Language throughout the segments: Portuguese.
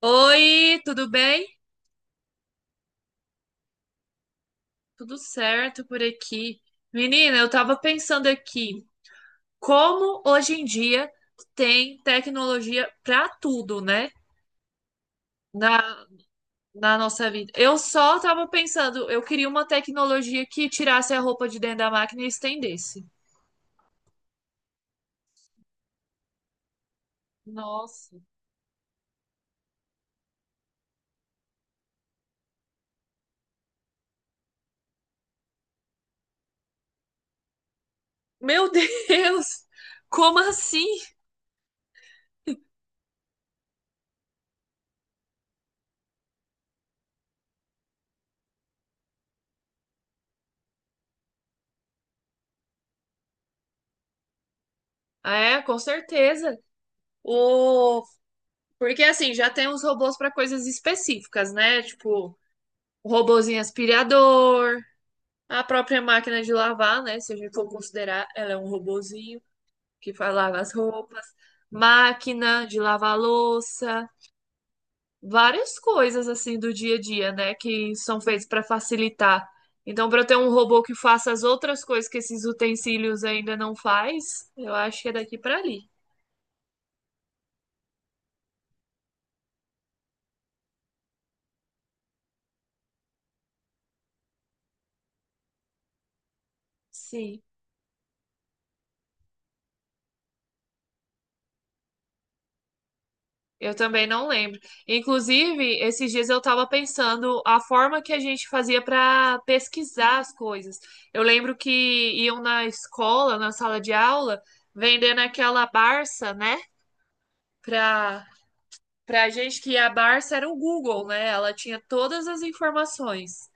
Oi, tudo bem? Tudo certo por aqui. Menina, eu tava pensando aqui, como hoje em dia tem tecnologia pra tudo, né? Na, na nossa vida. Eu só tava pensando, eu queria uma tecnologia que tirasse a roupa de dentro da máquina e estendesse. Nossa. Meu Deus! Como assim? É, com certeza. O... Porque assim, já tem os robôs para coisas específicas, né? Tipo, o robozinho aspirador. A própria máquina de lavar, né? Se a gente for considerar, ela é um robozinho que faz lavar as roupas, máquina de lavar louça, várias coisas assim do dia a dia, né? Que são feitas para facilitar. Então, para eu ter um robô que faça as outras coisas que esses utensílios ainda não faz, eu acho que é daqui para ali. Sim. Eu também não lembro. Inclusive, esses dias eu estava pensando a forma que a gente fazia para pesquisar as coisas. Eu lembro que iam na escola, na sala de aula, vendendo aquela Barça, né? Para para gente que a Barça era o Google, né? Ela tinha todas as informações.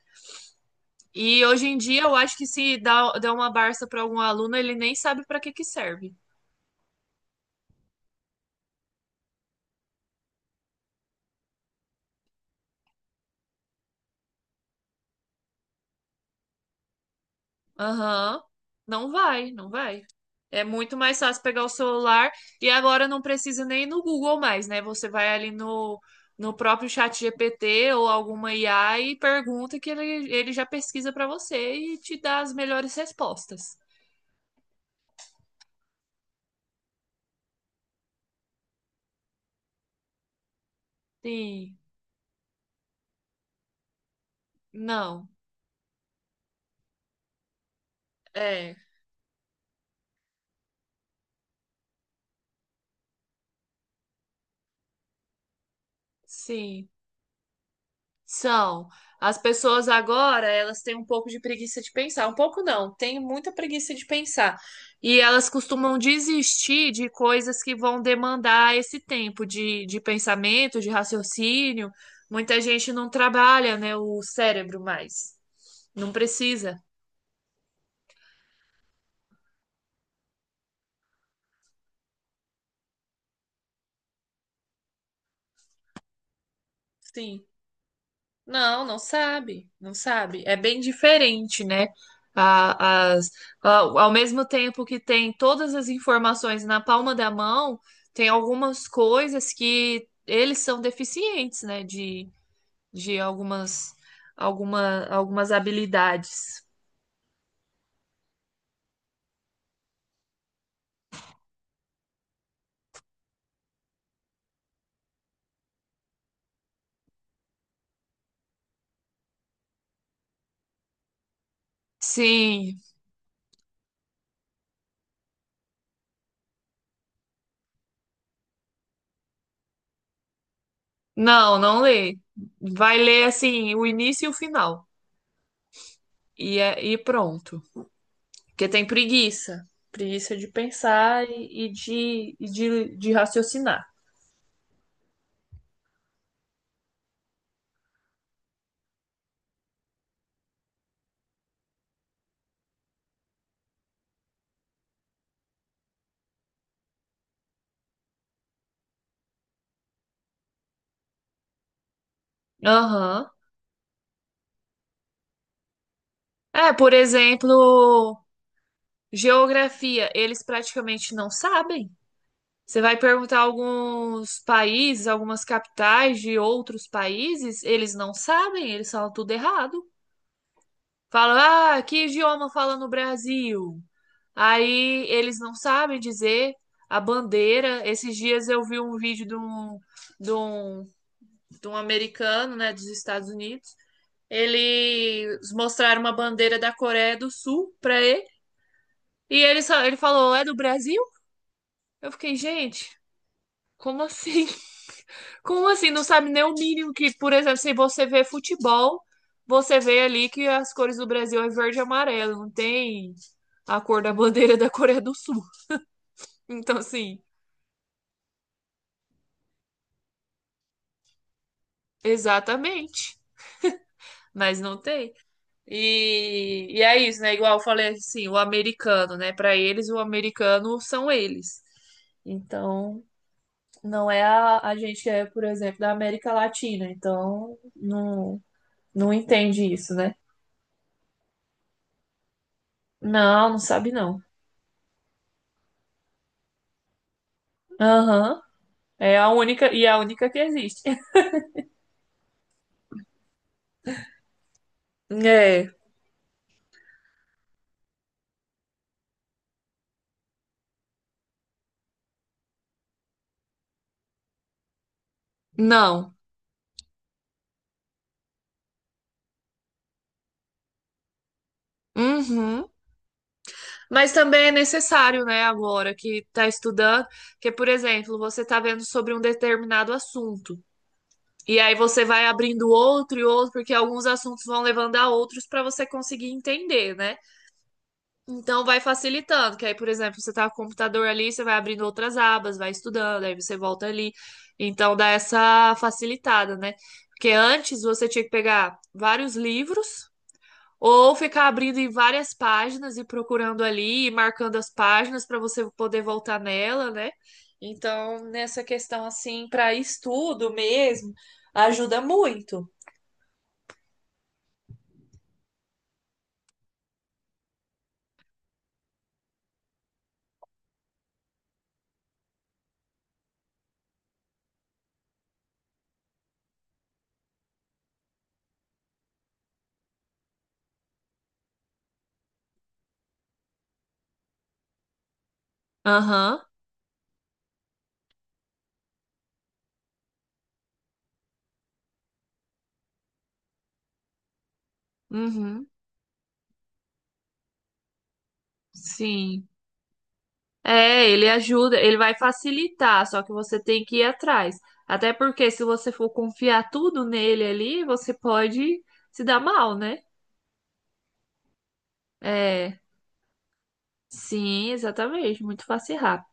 E hoje em dia eu acho que se dá uma Barça para algum aluno, ele nem sabe para que que serve. Aham. Não vai, não vai. É muito mais fácil pegar o celular e agora não precisa nem ir no Google mais, né? Você vai ali no próprio chat GPT ou alguma IA e pergunta que ele já pesquisa para você e te dá as melhores respostas. Sim, não, é, sim. São. As pessoas agora, elas têm um pouco de preguiça de pensar. Um pouco não, têm muita preguiça de pensar. E elas costumam desistir de coisas que vão demandar esse tempo de pensamento, de raciocínio. Muita gente não trabalha, né, o cérebro mais. Não precisa. Sim. Não, não sabe, não sabe. É bem diferente, né? As, ao ao mesmo tempo que tem todas as informações na palma da mão, tem algumas coisas que eles são deficientes, né? De algumas habilidades. Sim, não, não lê. Vai ler assim, o início e o final. E, e pronto. Porque tem preguiça. Preguiça de pensar e de raciocinar. Aham. É, por exemplo, geografia, eles praticamente não sabem. Você vai perguntar alguns países, algumas capitais de outros países, eles não sabem, eles falam tudo errado. Falam, ah, que idioma fala no Brasil? Aí eles não sabem dizer a bandeira. Esses dias eu vi um vídeo de um, de um americano, né, dos Estados Unidos. Eles mostraram uma bandeira da Coreia do Sul para ele. E ele só, ele falou, é do Brasil? Eu fiquei, gente, como assim? Como assim? Não sabe nem o mínimo que, por exemplo, se você vê futebol, você vê ali que as cores do Brasil é verde e amarelo, não tem a cor da bandeira da Coreia do Sul. Então, assim, exatamente. Mas não tem. E é isso, né? Igual eu falei assim, o americano, né? Para eles, o americano são eles. Então, não é a gente que é, por exemplo, da América Latina, então não, não entende isso, né? Não, não sabe não. Aham. É a única, e é a única que existe. É, não. Uhum. Mas também é necessário, né, agora que tá estudando, que, por exemplo, você tá vendo sobre um determinado assunto. E aí você vai abrindo outro e outro, porque alguns assuntos vão levando a outros para você conseguir entender, né? Então vai facilitando, que aí, por exemplo, você tá com o computador ali, você vai abrindo outras abas, vai estudando, aí você volta ali. Então dá essa facilitada, né? Porque antes você tinha que pegar vários livros ou ficar abrindo em várias páginas e procurando ali e marcando as páginas para você poder voltar nela, né? Então, nessa questão assim, para estudo mesmo, ajuda muito. Aham. Uhum. Sim. É, ele ajuda, ele vai facilitar, só que você tem que ir atrás. Até porque se você for confiar tudo nele ali, você pode se dar mal, né? É, sim, exatamente, muito fácil errar.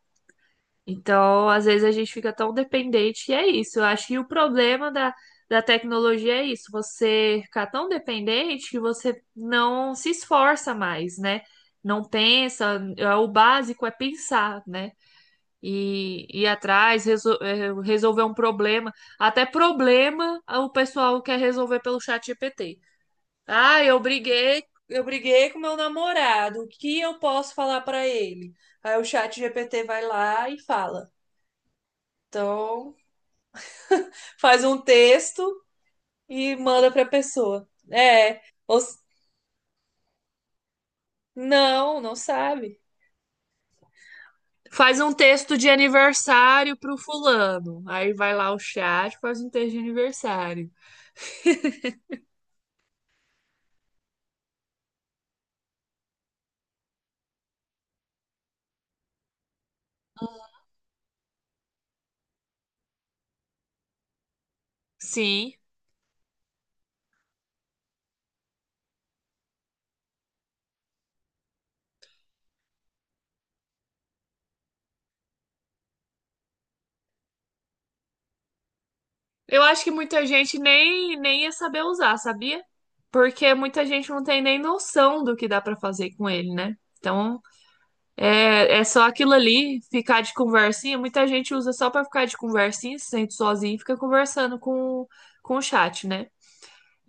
Então, às vezes a gente fica tão dependente e é isso. Eu acho que o problema da tecnologia é isso, você ficar tão dependente que você não se esforça mais, né? Não pensa, é, o básico é pensar, né? E ir atrás, resolver um problema. Até problema o pessoal quer resolver pelo chat GPT. Ah, eu briguei com meu namorado. O que eu posso falar para ele? Aí o chat GPT vai lá e fala. Então, faz um texto e manda para a pessoa. É, ou s- não, não sabe. Faz um texto de aniversário pro fulano. Aí vai lá o chat, faz um texto de aniversário. Sim, eu acho que muita gente nem ia saber usar, sabia? Porque muita gente não tem nem noção do que dá pra fazer com ele, né? Então, é só aquilo ali, ficar de conversinha. Muita gente usa só pra ficar de conversinha, se sente sozinho e fica conversando com o chat, né?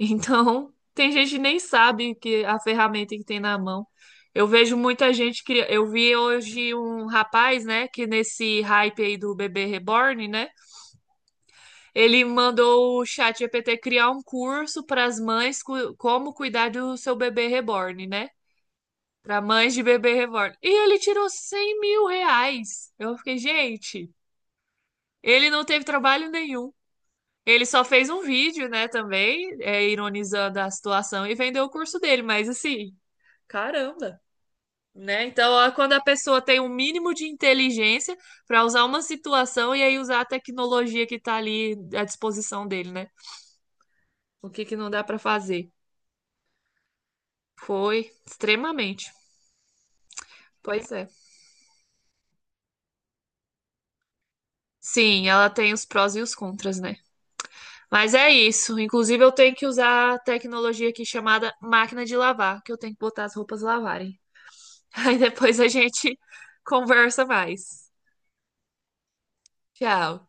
Então, tem gente que nem sabe que a ferramenta que tem na mão. Eu vejo muita gente que eu vi hoje um rapaz, né, que nesse hype aí do bebê reborn, né? Ele mandou o ChatGPT criar um curso para as mães como cuidar do seu bebê reborn, né? Para mães de bebê reborn. E ele tirou R$ 100.000. Eu fiquei, gente, ele não teve trabalho nenhum. Ele só fez um vídeo, né, também, é, ironizando a situação e vendeu o curso dele, mas assim, caramba, né? Então, ó, quando a pessoa tem um mínimo de inteligência para usar uma situação e aí usar a tecnologia que tá ali à disposição dele, né? O que que não dá para fazer? Foi, extremamente. Pois é. Sim, ela tem os prós e os contras, né? Mas é isso. Inclusive, eu tenho que usar a tecnologia aqui chamada máquina de lavar, que eu tenho que botar as roupas lavarem. Aí depois a gente conversa mais. Tchau.